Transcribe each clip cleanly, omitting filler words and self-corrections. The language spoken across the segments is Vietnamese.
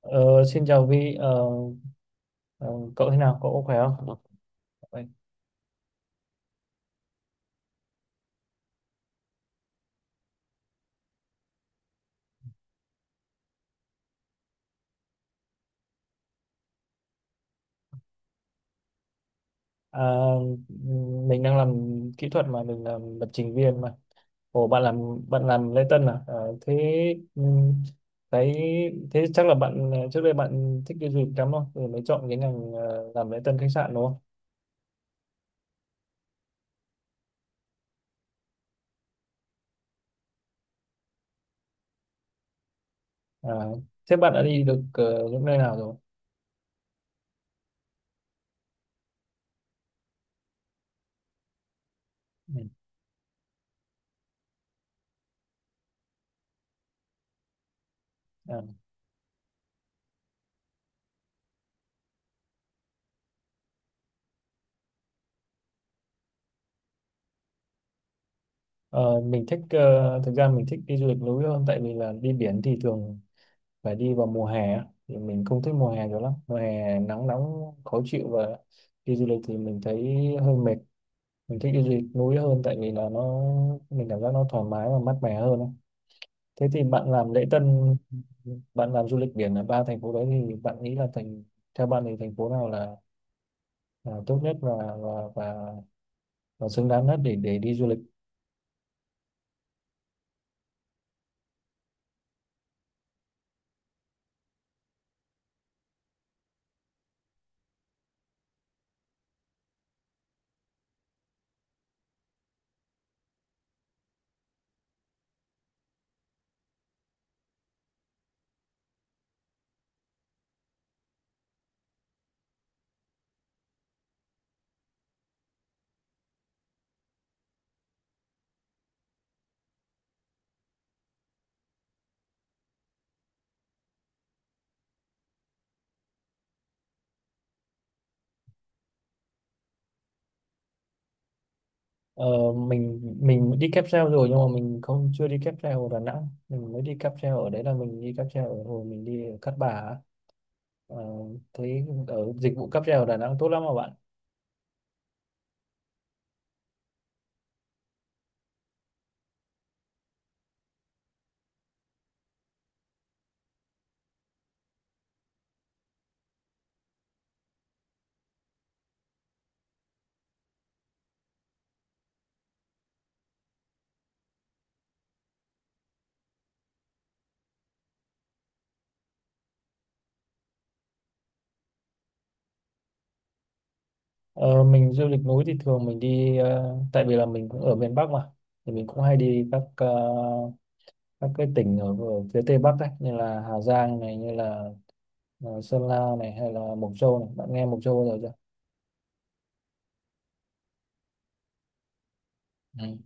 Ờ, Xin chào Vi, ờ, cậu thế nào? Cậu có khỏe không? Vậy. À, mình đang làm kỹ thuật mà, mình làm lập trình viên mà. Ồ, bạn làm lễ tân à? Ờ, Thế ừm, cái thế chắc là bạn, trước đây bạn thích đi du lịch lắm không? Rồi mới chọn cái ngành làm lễ tân khách sạn đúng không? À, thế bạn đã đi được những nơi nào rồi? Ừ. À, ờ, mình thích ờ, Thực ra mình thích đi du lịch núi hơn, tại vì là đi biển thì thường phải đi vào mùa hè á, thì mình không thích mùa hè cho lắm, mùa hè nắng nóng khó chịu và đi du lịch thì mình thấy hơi mệt. Mình thích đi du lịch núi hơn tại vì là nó, mình cảm giác nó thoải mái và mát mẻ hơn á. Thế thì bạn làm du lịch biển ở ba thành phố đấy thì bạn nghĩ là theo bạn thì thành phố nào là tốt nhất và và, và xứng đáng nhất để đi du lịch? Ờ, mình đi cáp treo rồi, nhưng mà mình không chưa đi cáp treo ở Đà Nẵng, mình mới đi cáp treo ở đấy là mình đi cáp treo ở hồi mình đi ở Cát Bà á. Ờ, Thấy ở dịch vụ cáp treo ở Đà Nẵng tốt lắm mà bạn. Ờ, mình du lịch núi thì thường mình đi, tại vì là mình cũng ở miền Bắc mà, thì mình cũng hay đi các, các cái tỉnh ở phía Tây Bắc ấy, như là Hà Giang này, như là Sơn La này, hay là Mộc Châu này. Bạn nghe Mộc Châu bao giờ chưa? Ừ.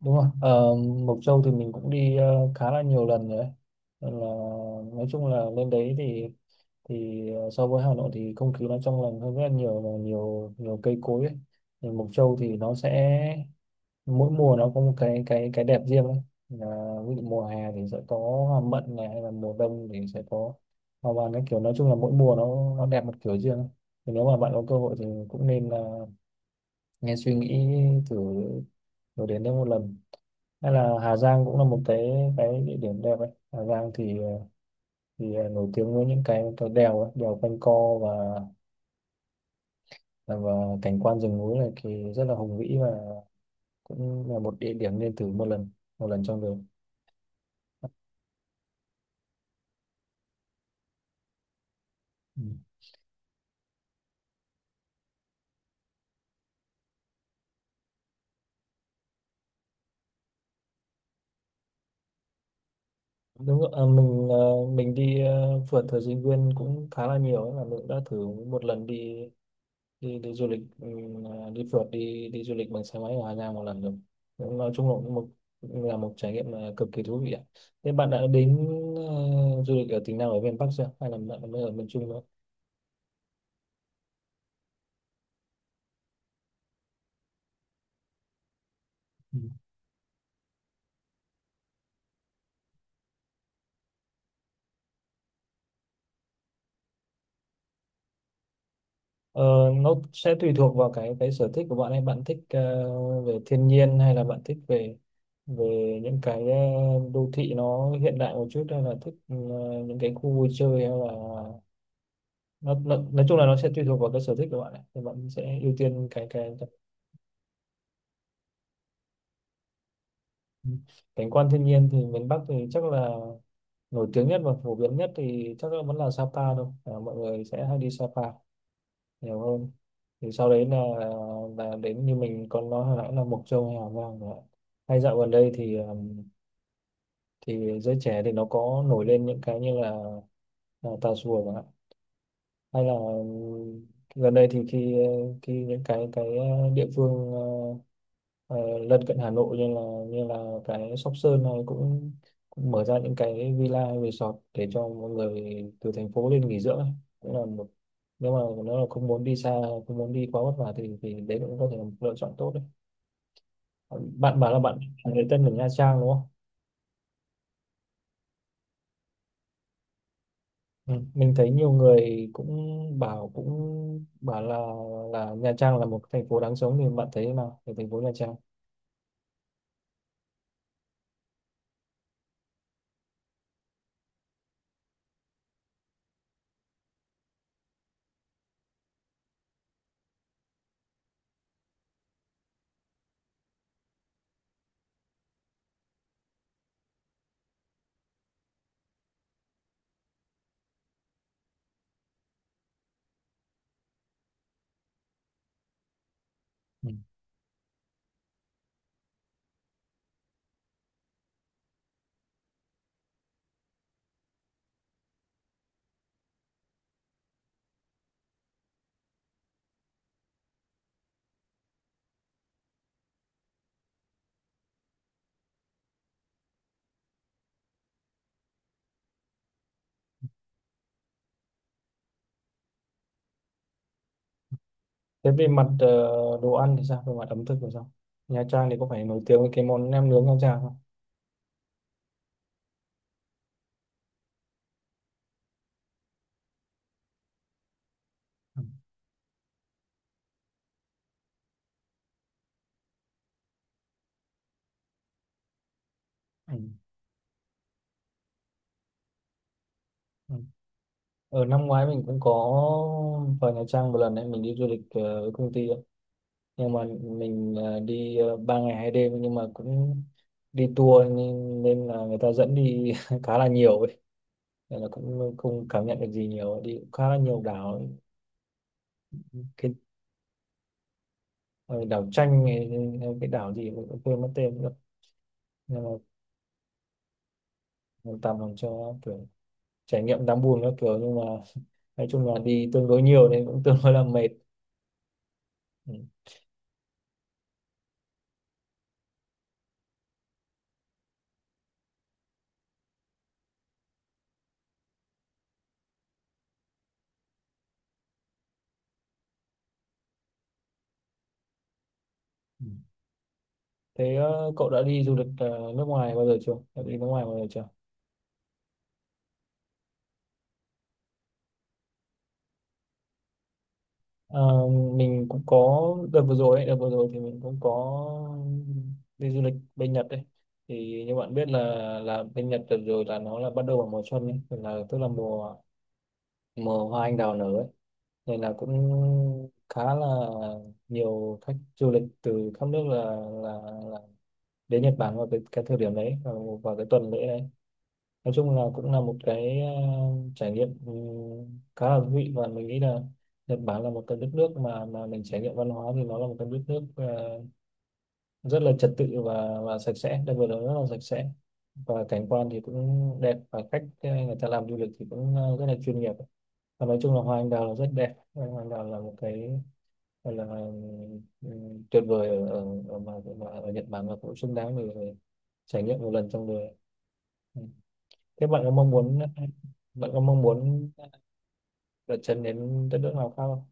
Đúng rồi. Ờ, Mộc Châu thì mình cũng đi khá là nhiều lần rồi ấy. Nên là nói chung là lên đấy thì, so với Hà Nội thì không khí nó trong lành hơn rất là nhiều, và nhiều nhiều cây cối ấy. Thì Mộc Châu thì nó sẽ, mỗi mùa nó có một cái đẹp riêng ấy. Là ví dụ mùa hè thì sẽ có hoa mận này, hay là mùa đông thì sẽ có hoa vàng, cái kiểu nói chung là mỗi mùa nó đẹp một kiểu riêng ấy. Thì nếu mà bạn có cơ hội thì cũng nên là, nghe suy nghĩ thử, thử đến đây một lần. Hay là Hà Giang cũng là một cái địa điểm đẹp ấy. Hà Giang nổi tiếng với những cái đèo ấy, đèo quanh co và, dạ, và cảnh quan rừng núi này thì rất là hùng vĩ, và cũng là một địa điểm nên thử một lần, một lần trong đời. Ừ. Đúng rồi. Mình à, mình đi à, Phượt thời sinh viên cũng khá là nhiều ấy, là mình cũng đã thử một lần đi, đi du lịch, đi phượt, đi đi du lịch bằng xe máy ở Hà Giang một lần rồi. Cũng, nói chung là cũng là một trải nghiệm, à, cực kỳ thú vị ạ. Thế bạn đã đến, du lịch ở tỉnh nào ở miền Bắc chưa? Hay là bạn mới ở miền Trung nữa? Ừ. Ờ, nó sẽ tùy thuộc vào cái sở thích của bạn ấy, bạn thích về thiên nhiên, hay là bạn thích về, những cái đô thị nó hiện đại một chút, hay là thích những cái khu vui chơi, hay là nó nói chung là nó sẽ tùy thuộc vào cái sở thích của bạn ấy. Thì bạn sẽ ưu tiên cái cảnh quan thiên nhiên. Thì miền Bắc thì chắc là nổi tiếng nhất và phổ biến nhất thì chắc là vẫn là Sapa thôi, à, mọi người sẽ hay đi Sapa nhiều hơn. Thì sau đấy là đến như mình còn nói hồi nãy là Mộc Châu hay Hào Vang rồi ạ. Hay dạo gần đây thì giới trẻ thì nó có nổi lên những cái như là Tà Xùa chẳng hạn. Hay là gần đây thì khi khi những cái địa phương, ờ, lân cận Hà Nội như là, như là cái Sóc Sơn này, cũng mở ra những cái villa hay resort để cho mọi người từ thành phố lên nghỉ dưỡng ấy. Cũng là một, nếu mà nó là không muốn đi xa, không muốn đi quá vất vả thì, đấy cũng có thể là một lựa chọn tốt đấy. Bạn bảo là bạn, người dân ở Nha Trang đúng không? Ừ, mình thấy nhiều người cũng bảo là Nha Trang là một thành phố đáng sống. Thì bạn thấy thế nào về thành phố Nha Trang? Ừ. Thế về mặt đồ ăn thì sao? Về mặt ẩm thực thì sao? Nha Trang thì có phải nổi tiếng với cái món nem nướng Nha Trang không? Ừ. Ừ. Ừ. Ở năm ngoái mình cũng có vào Nha Trang một lần đấy, mình đi du lịch với công ty ấy. Nhưng mà mình đi 3 ngày 2 đêm, nhưng mà cũng đi tour nên là người ta dẫn đi khá là nhiều, nên là cũng không cảm nhận được gì nhiều, đi cũng khá là nhiều đảo. Cái ờ, đảo tranh hay cái đảo gì mình cũng quên mất tên nữa, nên là mình tạm làm cho kiểu trải nghiệm đáng buồn các kiểu, nhưng mà nói chung là đi tương đối nhiều nên cũng tương đối là mệt. Ừ. Ừ. Thế cậu đã đi du lịch nước ngoài bao giờ chưa? Đã đi nước ngoài bao giờ chưa? Ờ, mình cũng có đợt vừa rồi ấy, đợt vừa rồi thì mình cũng có đi du lịch bên Nhật đấy. Thì như bạn biết là, bên Nhật đợt rồi là nó là bắt đầu vào mùa xuân ấy, tức là mùa mùa hoa anh đào nở ấy, nên là cũng khá là nhiều khách du lịch từ khắp nước, là, là đến Nhật Bản vào cái thời điểm đấy, vào cái tuần lễ đấy. Nói chung là cũng là một cái trải nghiệm, khá là thú vị. Và mình nghĩ là Nhật Bản là một cái đất nước mà, mình trải nghiệm văn hóa thì nó là một cái đất nước, rất là trật tự và, sạch sẽ, đặc biệt là rất là sạch sẽ, và cảnh quan thì cũng đẹp, và cách người ta làm du lịch thì cũng rất là chuyên nghiệp. Và nói chung là hoa anh đào là rất đẹp. Hoa anh đào là một cái gọi là, ừ, tuyệt vời ở ở, ở, mà ở Nhật Bản, và cũng xứng đáng để trải nghiệm một lần trong đời. Ừ. Thế bạn có mong muốn đặt chân đến đất nước nào khác không?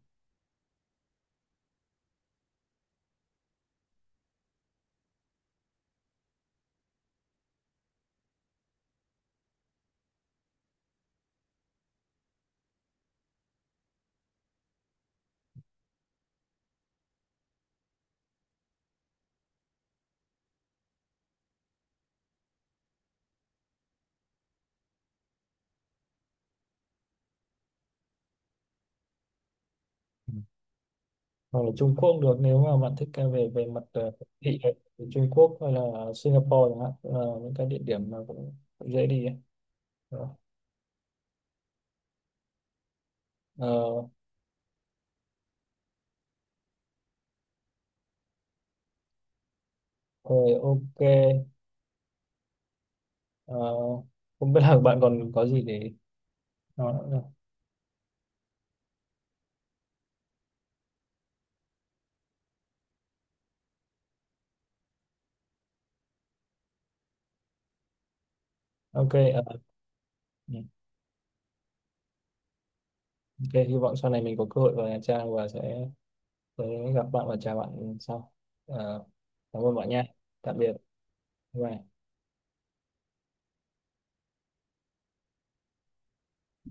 Ừ. Hoặc là Trung Quốc cũng được, nếu mà bạn thích cái về về mặt thị ấy, thì Trung Quốc hay là Singapore chẳng hạn cũng là những cái địa điểm mà cũng dễ đi ấy. Ờ, Rồi, ok, ok. Ờ, Không biết là bạn còn có gì để nói nữa không? Ok. Ờ, ừ, ok, hy vọng sau này mình có cơ hội vào Nha Trang và sẽ gặp bạn và chào bạn sau. Ờ, Cảm ơn bạn nha. Tạm biệt. Bye bye.